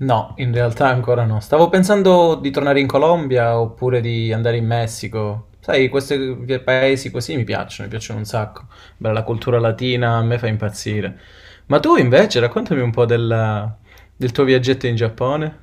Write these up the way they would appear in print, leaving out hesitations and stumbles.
No, in realtà ancora no. Stavo pensando di tornare in Colombia oppure di andare in Messico. Sai, questi paesi così mi piacciono un sacco. Bella la cultura latina, a me fa impazzire. Ma tu invece, raccontami un po' del tuo viaggetto in Giappone.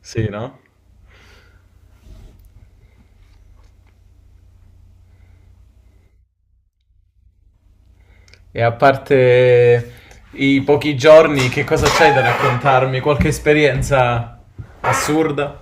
Sì, no? E a parte i pochi giorni, che cosa c'hai da raccontarmi? Qualche esperienza assurda?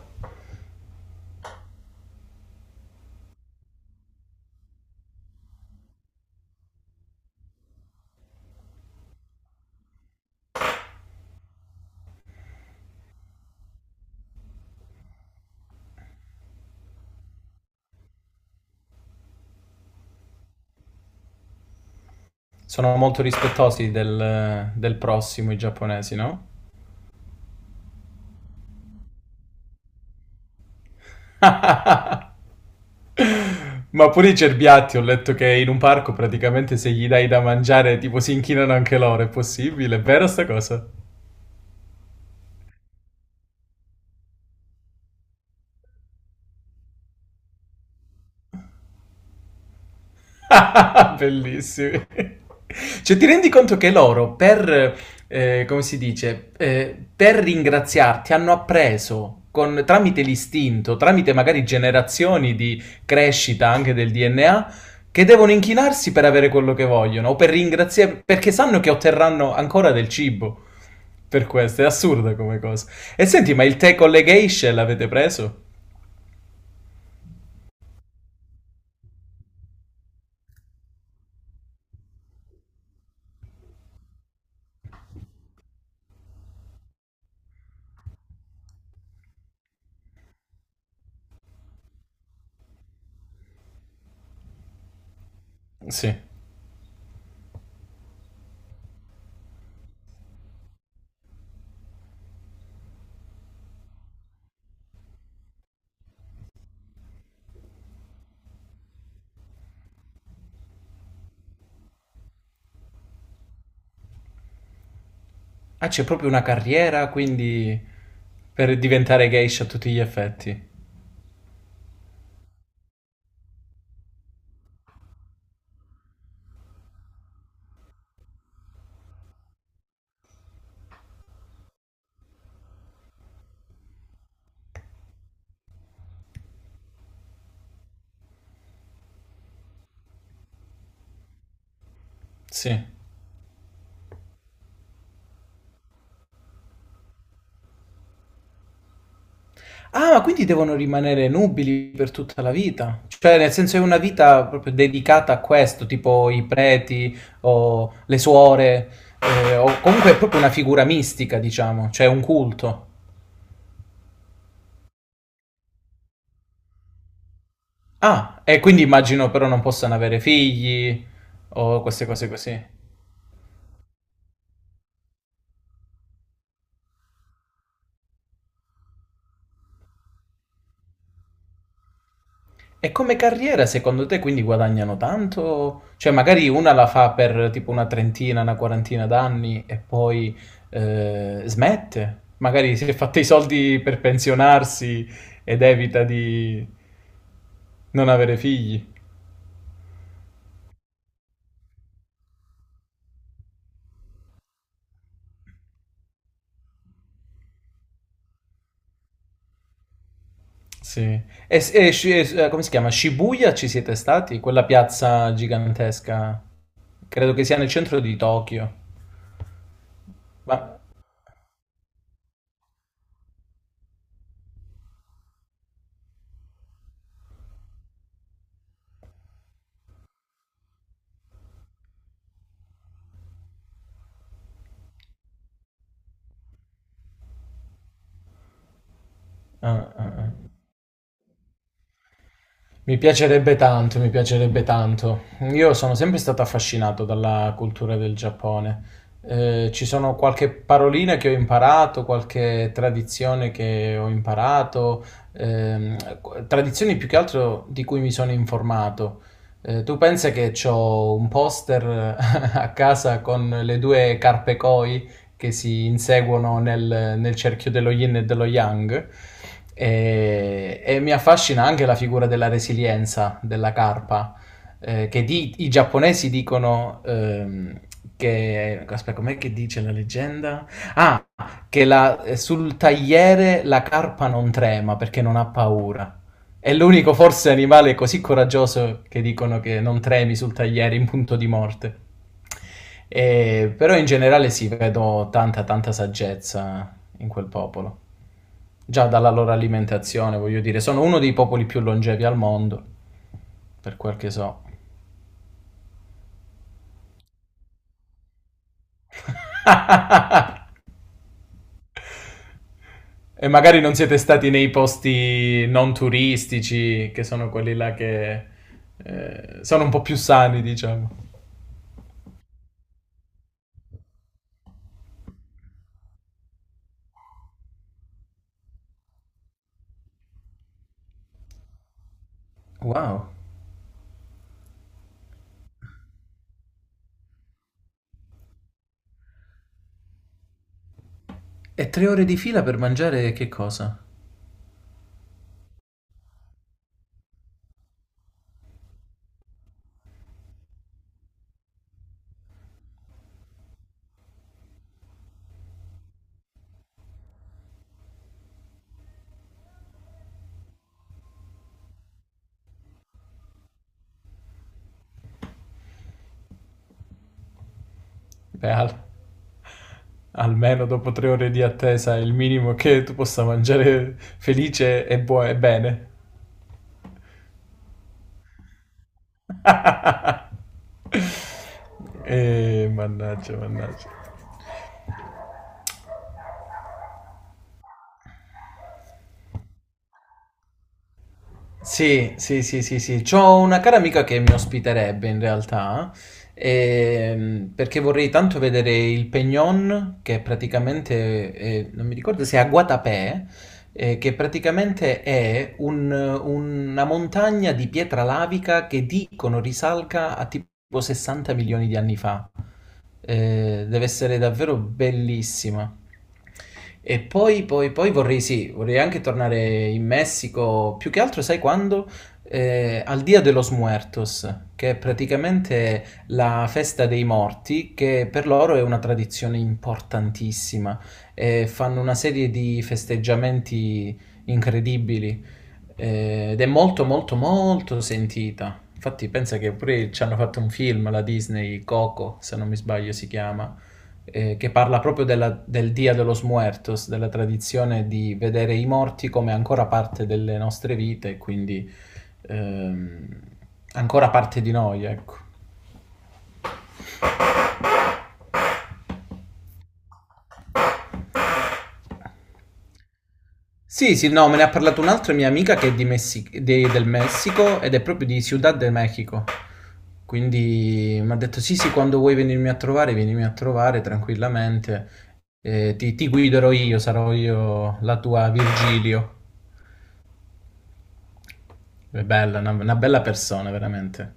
Sono molto rispettosi del prossimo, i giapponesi, no? Ma pure i cerbiatti, ho letto che in un parco praticamente se gli dai da mangiare tipo si inchinano anche loro, è possibile? È vera sta cosa? Bellissimi. Cioè, ti rendi conto che loro per, come si dice, per ringraziarti hanno appreso tramite l'istinto, tramite magari generazioni di crescita anche del DNA, che devono inchinarsi per avere quello che vogliono o per ringraziare, perché sanno che otterranno ancora del cibo per questo. È assurda come cosa. E senti, ma il tè con le geishe l'avete preso? Sì. Ah, c'è proprio una carriera, quindi per diventare geisha a tutti gli effetti. Sì. Ah, ma quindi devono rimanere nubili per tutta la vita? Cioè, nel senso è una vita proprio dedicata a questo, tipo i preti o le suore, o comunque è proprio una figura mistica, diciamo, cioè un culto. Ah, e quindi immagino però non possano avere figli o queste cose così. E come carriera secondo te quindi guadagnano tanto? Cioè magari una la fa per tipo una trentina, una quarantina d'anni e poi smette, magari si è fatta i soldi per pensionarsi ed evita di non avere figli. Sì. Come si chiama? Shibuya ci siete stati? Quella piazza gigantesca, credo che sia nel centro di Tokyo. Ma... ah, ah, ah. Mi piacerebbe tanto, mi piacerebbe tanto. Io sono sempre stato affascinato dalla cultura del Giappone. Ci sono qualche parolina che ho imparato, qualche tradizione che ho imparato, ehm, tradizioni più che altro di cui mi sono informato. Tu pensa che ho un poster a casa con le due carpe Koi, che si inseguono nel cerchio dello yin e dello yang. E mi affascina anche la figura della resilienza della carpa, che i giapponesi dicono che... Aspetta, com'è che dice la leggenda? Ah, che sul tagliere la carpa non trema perché non ha paura. È l'unico forse animale così coraggioso che dicono che non tremi sul tagliere in punto di morte. Però in generale sì, vedo tanta tanta saggezza in quel popolo. Già dalla loro alimentazione, voglio dire, sono uno dei popoli più longevi al mondo, per quel che so. E magari non siete stati nei posti non turistici, che sono quelli là che sono un po' più sani, diciamo. Wow. E 3 ore di fila per mangiare che cosa? Beh, almeno dopo 3 ore di attesa è il minimo che tu possa mangiare felice e bene. Mannaggia, mannaggia. Sì, sì, sì, sì, sì. C'ho una cara amica che mi ospiterebbe in realtà, perché vorrei tanto vedere il Peñón, che praticamente, non mi ricordo se è a Guatapé, che praticamente è una montagna di pietra lavica che dicono risalga a tipo 60 milioni di anni fa. Deve essere davvero bellissima. E poi vorrei, sì, vorrei anche tornare in Messico, più che altro, sai quando? Al Dia de los Muertos, che è praticamente la festa dei morti, che per loro è una tradizione importantissima. Fanno una serie di festeggiamenti incredibili ed è molto, molto, molto sentita. Infatti, pensa che pure ci hanno fatto un film, la Disney, Coco, se non mi sbaglio si chiama, che parla proprio del Dia de los Muertos, della tradizione di vedere i morti come ancora parte delle nostre vite, quindi ehm, ancora parte di noi, ecco. Sì, sì, no, me ne ha parlato un'altra mia amica che è del Messico ed è proprio di Ciudad de México. Quindi mi ha detto: Sì, sì, quando vuoi venirmi a trovare, vienimi a trovare tranquillamente. Ti guiderò io, sarò io la tua Virgilio. È bella, una bella persona, veramente.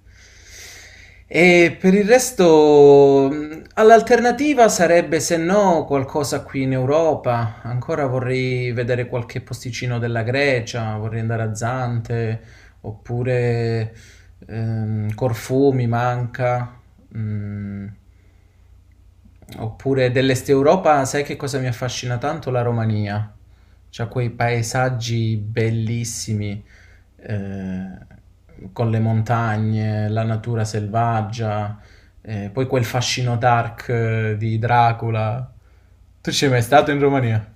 E per il resto, all'alternativa sarebbe se no qualcosa qui in Europa. Ancora vorrei vedere qualche posticino della Grecia, vorrei andare a Zante, oppure Corfù mi manca. Mm. Oppure dell'Est Europa, sai che cosa mi affascina tanto? La Romania. C'ha quei paesaggi bellissimi, eh, con le montagne, la natura selvaggia, poi quel fascino dark di Dracula. Tu ci sei mai stato in Romania?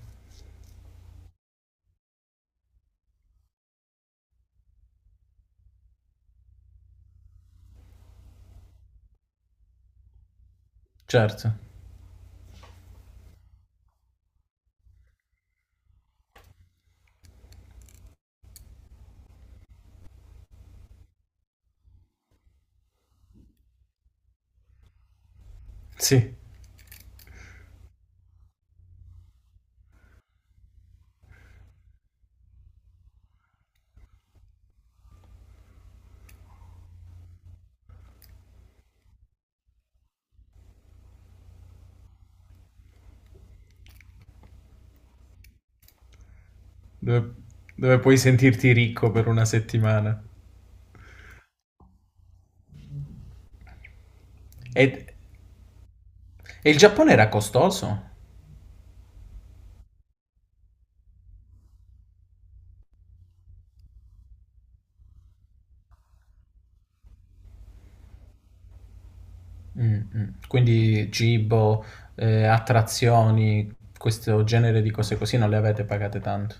Certo, sì, dove, dove puoi sentirti ricco per una settimana. E, e il Giappone era costoso? Mh-mh. Quindi cibo, attrazioni, questo genere di cose così non le avete pagate tanto.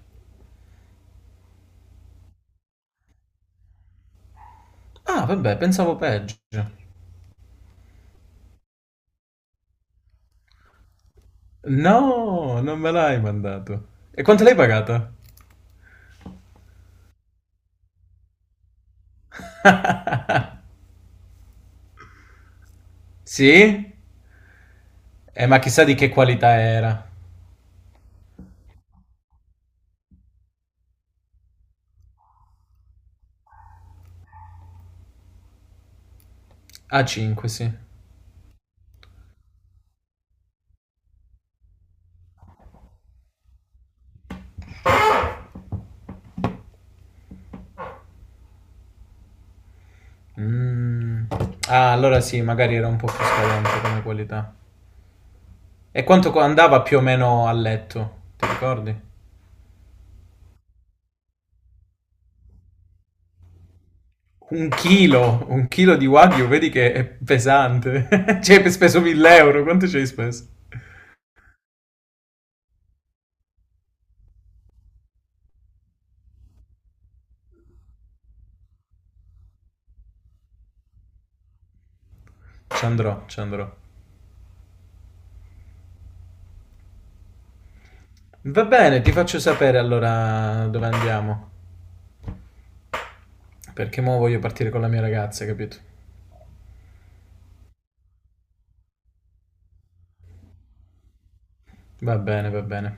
Ah vabbè, pensavo peggio. No, non me l'hai mandato. E quanto l'hai pagata? Sì? Ma chissà di che qualità era. A5, sì. Mh. Ah, allora sì, magari era un po' più scadente come qualità. E quanto co andava più o meno a letto? Ti ricordi? Un chilo di Wagyu, vedi che è pesante. Ci hai speso 1.000 euro, quanto ci hai speso? Ci andrò, ci andrò. Va bene, ti faccio sapere allora dove andiamo. Perché mo voglio partire con la mia ragazza, capito? Va bene, va bene.